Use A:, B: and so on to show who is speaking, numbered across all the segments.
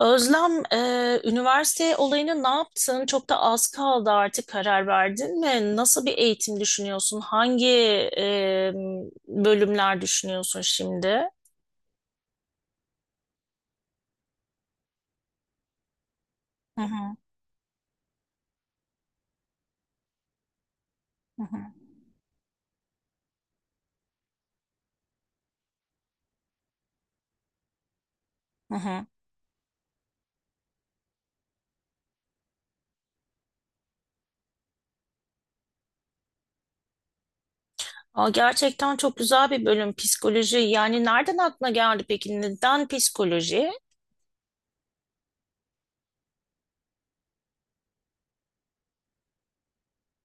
A: Özlem, üniversite olayını ne yaptın? Çok da az kaldı artık karar verdin mi? Nasıl bir eğitim düşünüyorsun? Hangi e, bölümler düşünüyorsun şimdi? Hı hı, hı hı, hı hı. Aa, gerçekten çok güzel bir bölüm psikoloji. Yani nereden aklına geldi peki? Neden psikoloji?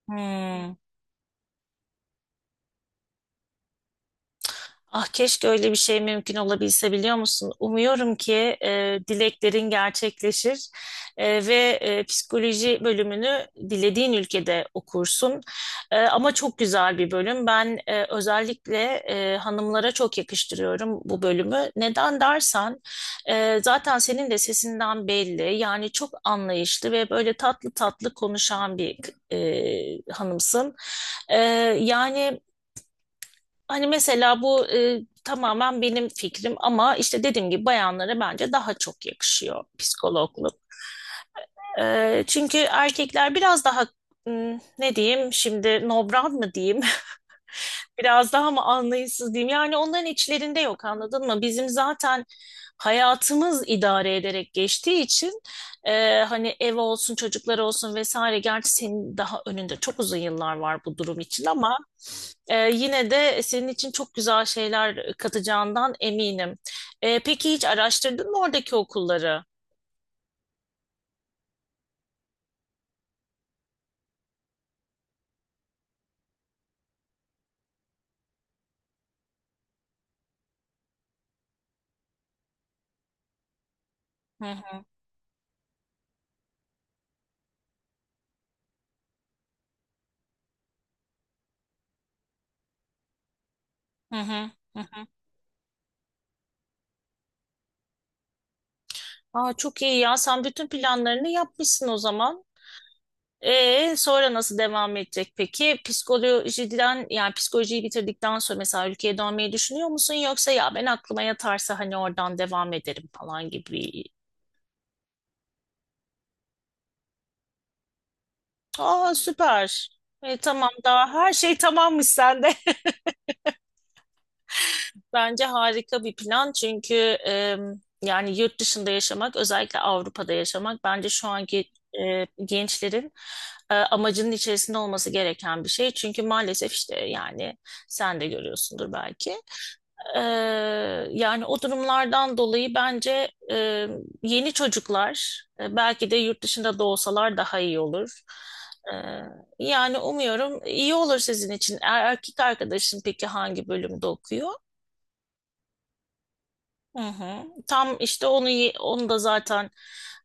A: Hmm. Ah keşke öyle bir şey mümkün olabilse biliyor musun? Umuyorum ki dileklerin gerçekleşir ve psikoloji bölümünü dilediğin ülkede okursun. Ama çok güzel bir bölüm. Ben özellikle hanımlara çok yakıştırıyorum bu bölümü. Neden dersen zaten senin de sesinden belli. Yani çok anlayışlı ve böyle tatlı tatlı konuşan bir hanımsın. E, yani. Hani mesela bu tamamen benim fikrim ama işte dediğim gibi bayanlara bence daha çok yakışıyor psikologluk. Çünkü erkekler biraz daha ne diyeyim şimdi, nobran mı diyeyim? Biraz daha mı anlayışsız diyeyim? Yani onların içlerinde yok, anladın mı? Bizim zaten hayatımız idare ederek geçtiği için hani ev olsun, çocuklar olsun vesaire. Gerçi senin daha önünde çok uzun yıllar var bu durum için ama yine de senin için çok güzel şeyler katacağından eminim. Peki hiç araştırdın mı oradaki okulları? Hı hı, hı hı, hı hı. Aa, çok iyi ya. Sen bütün planlarını yapmışsın o zaman. Sonra nasıl devam edecek peki? Psikolojiden, yani psikolojiyi bitirdikten sonra mesela ülkeye dönmeyi düşünüyor musun? Yoksa ya ben aklıma yatarsa hani oradan devam ederim falan gibi. Aa, süper. Tamam daha her şey tamammış sende. Bence harika bir plan çünkü e, yani yurt dışında yaşamak, özellikle Avrupa'da yaşamak bence şu anki gençlerin amacının içerisinde olması gereken bir şey. Çünkü maalesef, işte yani sen de görüyorsundur belki. E, yani o durumlardan dolayı bence yeni çocuklar belki de yurt dışında doğsalar daha iyi olur. E, yani umuyorum iyi olur sizin için. Erkek arkadaşın peki hangi bölümde okuyor? Hı hı. Tam işte onu onu da zaten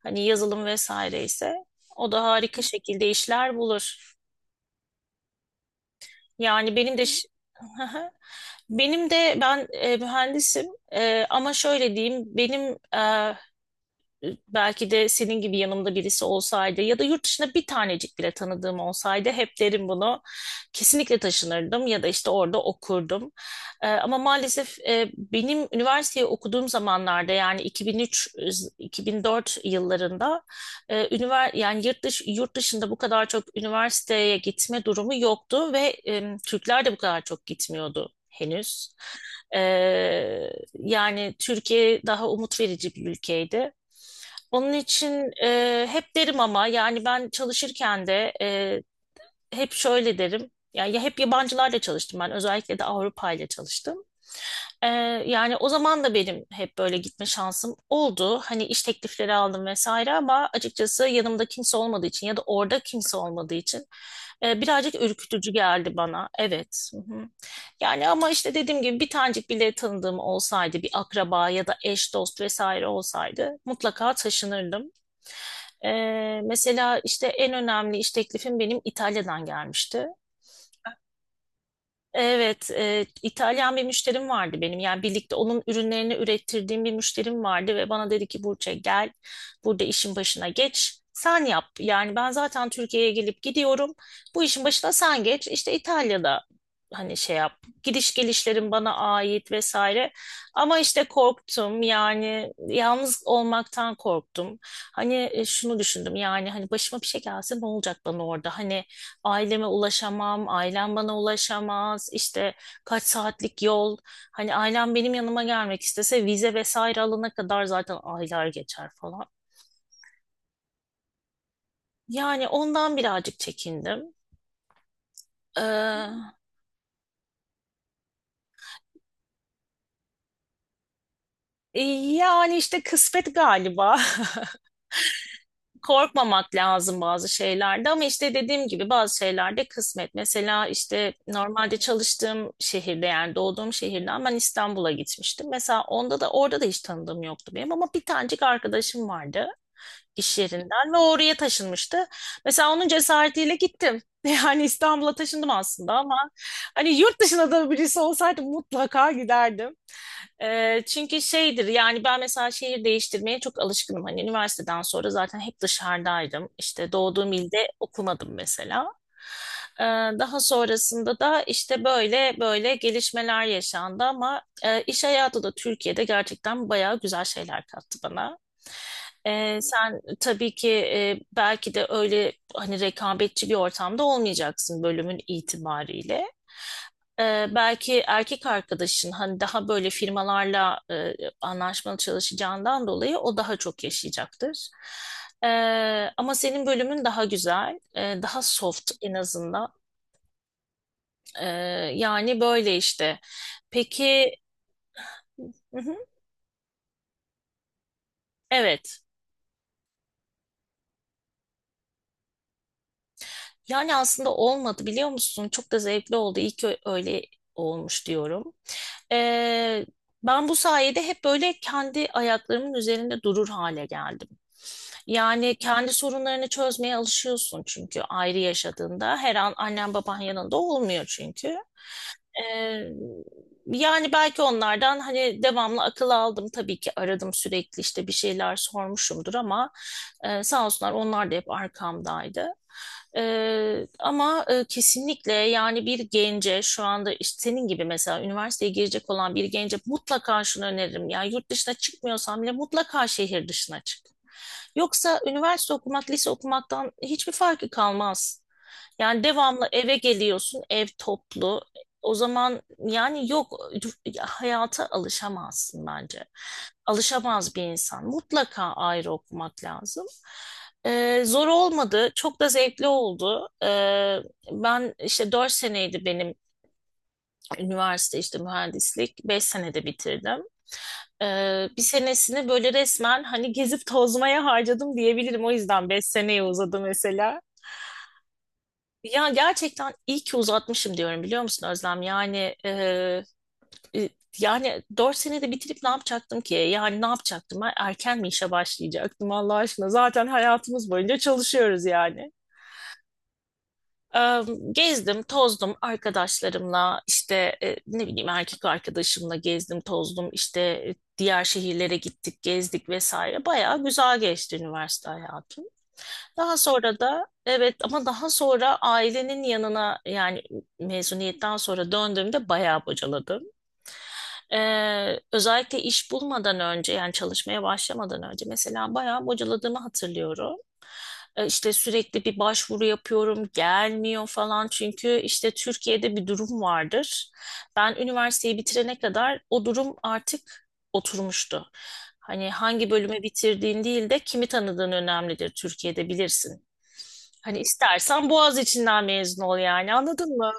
A: hani yazılım vesaire ise o da harika şekilde işler bulur. Yani benim de Hı hı. Benim de, ben mühendisim. Ama şöyle diyeyim, benim belki de senin gibi yanımda birisi olsaydı ya da yurt dışında bir tanecik bile tanıdığım olsaydı, hep derim bunu. Kesinlikle taşınırdım ya da işte orada okurdum. Ama maalesef benim üniversiteyi okuduğum zamanlarda, yani 2003-2004 yıllarında yani yurt dışında bu kadar çok üniversiteye gitme durumu yoktu ve Türkler de bu kadar çok gitmiyordu henüz. Ee, yani Türkiye daha umut verici bir ülkeydi. Onun için hep derim ama yani ben çalışırken de hep şöyle derim. Yani ya hep yabancılarla çalıştım ben, özellikle de Avrupa ile çalıştım. Ee, yani o zaman da benim hep böyle gitme şansım oldu. Hani iş teklifleri aldım vesaire ama açıkçası yanımda kimse olmadığı için ya da orada kimse olmadığı için birazcık ürkütücü geldi bana. Evet. Hı hı. Yani ama işte dediğim gibi bir tanecik bile tanıdığım olsaydı, bir akraba ya da eş dost vesaire olsaydı, mutlaka taşınırdım. Mesela işte en önemli iş teklifim benim İtalya'dan gelmişti. Evet, İtalyan bir müşterim vardı benim. Yani birlikte onun ürünlerini ürettirdiğim bir müşterim vardı ve bana dedi ki, Burçe gel, burada işin başına geç. Sen yap. Yani ben zaten Türkiye'ye gelip gidiyorum. Bu işin başına sen geç. İşte İtalya'da hani şey yap. Gidiş gelişlerim bana ait vesaire. Ama işte korktum. Yani yalnız olmaktan korktum. Hani şunu düşündüm. Yani hani başıma bir şey gelse ne olacak bana orada? Hani aileme ulaşamam, ailem bana ulaşamaz, işte kaç saatlik yol. Hani ailem benim yanıma gelmek istese vize vesaire alana kadar zaten aylar geçer falan. Yani ondan birazcık çekindim. Ee, yani işte kısmet galiba. Korkmamak lazım bazı şeylerde ama işte dediğim gibi bazı şeylerde kısmet. Mesela işte normalde çalıştığım şehirde, yani doğduğum şehirden ben İstanbul'a gitmiştim. Mesela onda da, orada da hiç tanıdığım yoktu benim ama bir tanecik arkadaşım vardı iş yerinden ve oraya taşınmıştı. Mesela onun cesaretiyle gittim. Yani İstanbul'a taşındım aslında ama hani yurt dışında da birisi olsaydı mutlaka giderdim. Çünkü şeydir, yani ben mesela şehir değiştirmeye çok alışkınım. Hani üniversiteden sonra zaten hep dışarıdaydım. İşte doğduğum ilde okumadım mesela. Ee, daha sonrasında da işte böyle böyle gelişmeler yaşandı ama iş hayatı da Türkiye'de gerçekten bayağı güzel şeyler kattı bana. Sen tabii ki belki de öyle hani rekabetçi bir ortamda olmayacaksın bölümün itibariyle. Belki erkek arkadaşın hani daha böyle firmalarla anlaşmalı çalışacağından dolayı o daha çok yaşayacaktır. Ee, ama senin bölümün daha güzel, daha soft en azından. Ee, yani böyle işte. Peki, hı hı, evet. Yani aslında olmadı, biliyor musun? Çok da zevkli oldu. İyi ki öyle olmuş diyorum. Ee, ben bu sayede hep böyle kendi ayaklarımın üzerinde durur hale geldim. Yani kendi sorunlarını çözmeye alışıyorsun çünkü ayrı yaşadığında. Her an annen baban yanında olmuyor çünkü. Ee, yani belki onlardan hani devamlı akıl aldım, tabii ki aradım sürekli, işte bir şeyler sormuşumdur ama sağ olsunlar, onlar da hep arkamdaydı. Ama kesinlikle, yani bir gence, şu anda işte senin gibi mesela üniversiteye girecek olan bir gence mutlaka şunu öneririm. Yani yurt dışına çıkmıyorsan bile mutlaka şehir dışına çık. Yoksa üniversite okumak, lise okumaktan hiçbir farkı kalmaz. Yani devamlı eve geliyorsun, ev toplu. O zaman yani yok, hayata alışamazsın bence. Alışamaz bir insan. Mutlaka ayrı okumak lazım. Zor olmadı. Çok da zevkli oldu. Ben işte 4 seneydi benim üniversite, işte mühendislik. 5 senede bitirdim. Bir senesini böyle resmen hani gezip tozmaya harcadım diyebilirim. O yüzden 5 seneye uzadı mesela. Ya gerçekten iyi ki uzatmışım diyorum, biliyor musun Özlem? Yani e, yani 4 senede bitirip ne yapacaktım ki? Yani ne yapacaktım ben? Erken mi işe başlayacaktım Allah aşkına? Zaten hayatımız boyunca çalışıyoruz yani. Eee, Gezdim, tozdum arkadaşlarımla, işte ne bileyim erkek arkadaşımla gezdim, tozdum, işte diğer şehirlere gittik, gezdik vesaire. Bayağı güzel geçti üniversite hayatı. Daha sonra da, evet, ama daha sonra ailenin yanına, yani mezuniyetten sonra döndüğümde bayağı bocaladım. Özellikle iş bulmadan önce, yani çalışmaya başlamadan önce mesela bayağı bocaladığımı hatırlıyorum. İşte sürekli bir başvuru yapıyorum, gelmiyor falan çünkü işte Türkiye'de bir durum vardır. Ben üniversiteyi bitirene kadar o durum artık oturmuştu. Hani hangi bölümü bitirdiğin değil de kimi tanıdığın önemlidir Türkiye'de, bilirsin. Hani istersen Boğaz içinden mezun ol, yani anladın mı?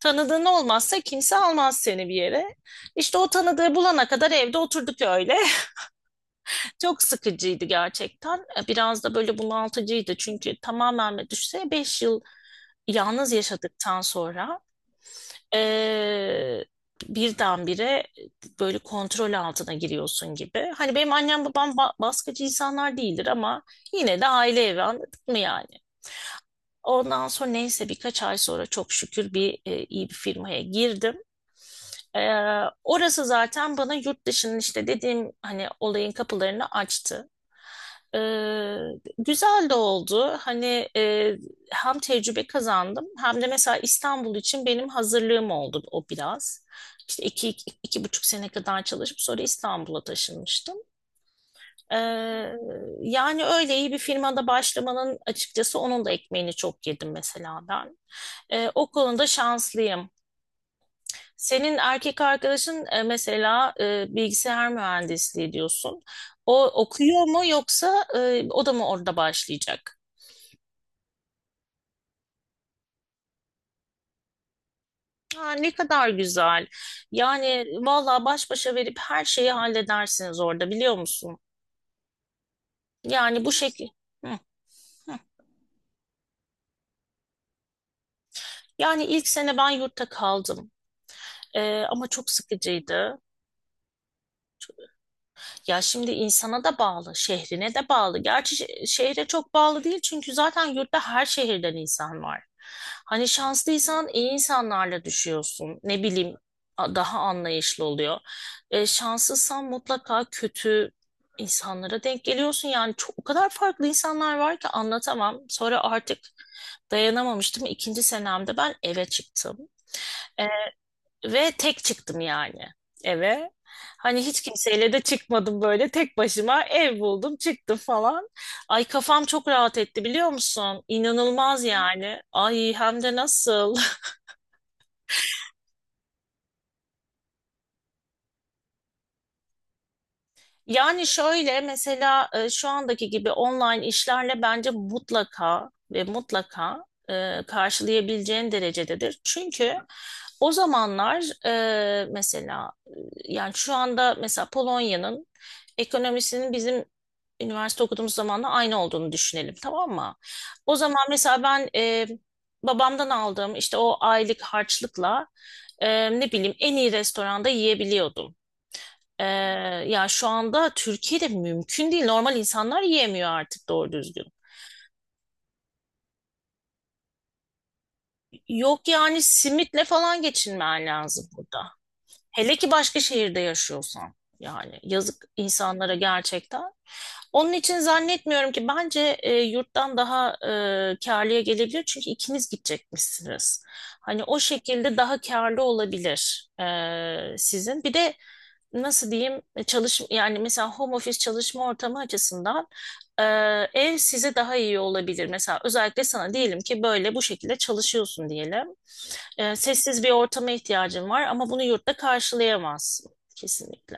A: Tanıdığın olmazsa kimse almaz seni bir yere. İşte o tanıdığı bulana kadar evde oturduk öyle. Çok sıkıcıydı gerçekten. Biraz da böyle bunaltıcıydı çünkü tamamen düşse 5 yıl yalnız yaşadıktan sonra eee birdenbire böyle kontrol altına giriyorsun gibi. Hani benim annem babam baskıcı insanlar değildir ama yine de aile evi, anladın mı yani? Ondan sonra neyse, birkaç ay sonra çok şükür iyi bir firmaya girdim. E, orası zaten bana yurt dışının, işte dediğim hani olayın kapılarını açtı. E, güzel de oldu. Hani hem tecrübe kazandım, hem de mesela İstanbul için benim hazırlığım oldu o biraz. İşte iki buçuk sene kadar çalışıp sonra İstanbul'a taşınmıştım. E, yani öyle iyi bir firmada başlamanın açıkçası onun da ekmeğini çok yedim mesela ben. O konuda şanslıyım. Senin erkek arkadaşın mesela bilgisayar mühendisliği diyorsun. O okuyor mu, yoksa o da mı orada başlayacak? Ha, ne kadar güzel. Yani vallahi baş başa verip her şeyi halledersiniz orada, biliyor musun? Yani bu şekil. Hı, hı. Yani ilk sene ben yurtta kaldım. Ama çok sıkıcıydı. Ya şimdi insana da bağlı, şehrine de bağlı. Gerçi şehre çok bağlı değil çünkü zaten yurtta her şehirden insan var. Hani şanslıysan iyi insanlarla düşüyorsun. Ne bileyim, daha anlayışlı oluyor. Şanssızsan mutlaka kötü insanlara denk geliyorsun. Yani çok, o kadar farklı insanlar var ki anlatamam. Sonra artık dayanamamıştım. İkinci senemde ben eve çıktım. E, ve tek çıktım yani eve. Hani hiç kimseyle de çıkmadım, böyle tek başıma ev buldum, çıktım falan. Ay kafam çok rahat etti, biliyor musun? İnanılmaz yani. Ay hem de nasıl? Yani şöyle mesela, şu andaki gibi online işlerle bence mutlaka ve mutlaka karşılayabileceğin derecededir. Çünkü o zamanlar mesela yani şu anda mesela Polonya'nın ekonomisinin bizim üniversite okuduğumuz zamanla aynı olduğunu düşünelim, tamam mı? O zaman mesela ben babamdan aldığım işte o aylık harçlıkla ne bileyim en iyi restoranda yiyebiliyordum. Ee, ya şu anda Türkiye'de mümkün değil. Normal insanlar yiyemiyor artık doğru düzgün. Yok yani, simitle falan geçinmen lazım burada. Hele ki başka şehirde yaşıyorsan. Yani yazık insanlara gerçekten. Onun için zannetmiyorum ki, bence yurttan daha kârlıya gelebilir. Çünkü ikiniz gidecekmişsiniz. Hani o şekilde daha kârlı olabilir sizin. Bir de nasıl diyeyim, çalış, yani mesela home office çalışma ortamı açısından e, ev size daha iyi olabilir. Mesela özellikle sana diyelim ki böyle bu şekilde çalışıyorsun diyelim. Sessiz bir ortama ihtiyacın var ama bunu yurtta karşılayamazsın kesinlikle.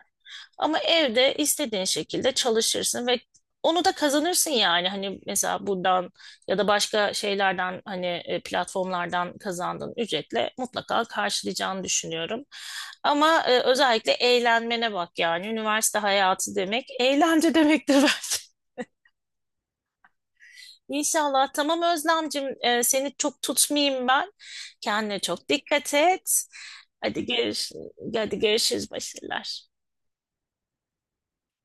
A: Ama evde istediğin şekilde çalışırsın ve onu da kazanırsın yani. Hani mesela buradan ya da başka şeylerden hani platformlardan kazandığın ücretle mutlaka karşılayacağını düşünüyorum. Ama özellikle eğlenmene bak yani. Üniversite hayatı demek eğlence demektir bence. İnşallah. Tamam Özlemcim, seni çok tutmayayım ben. Kendine çok dikkat et. Hadi görüş, hadi görüşürüz, başarılar.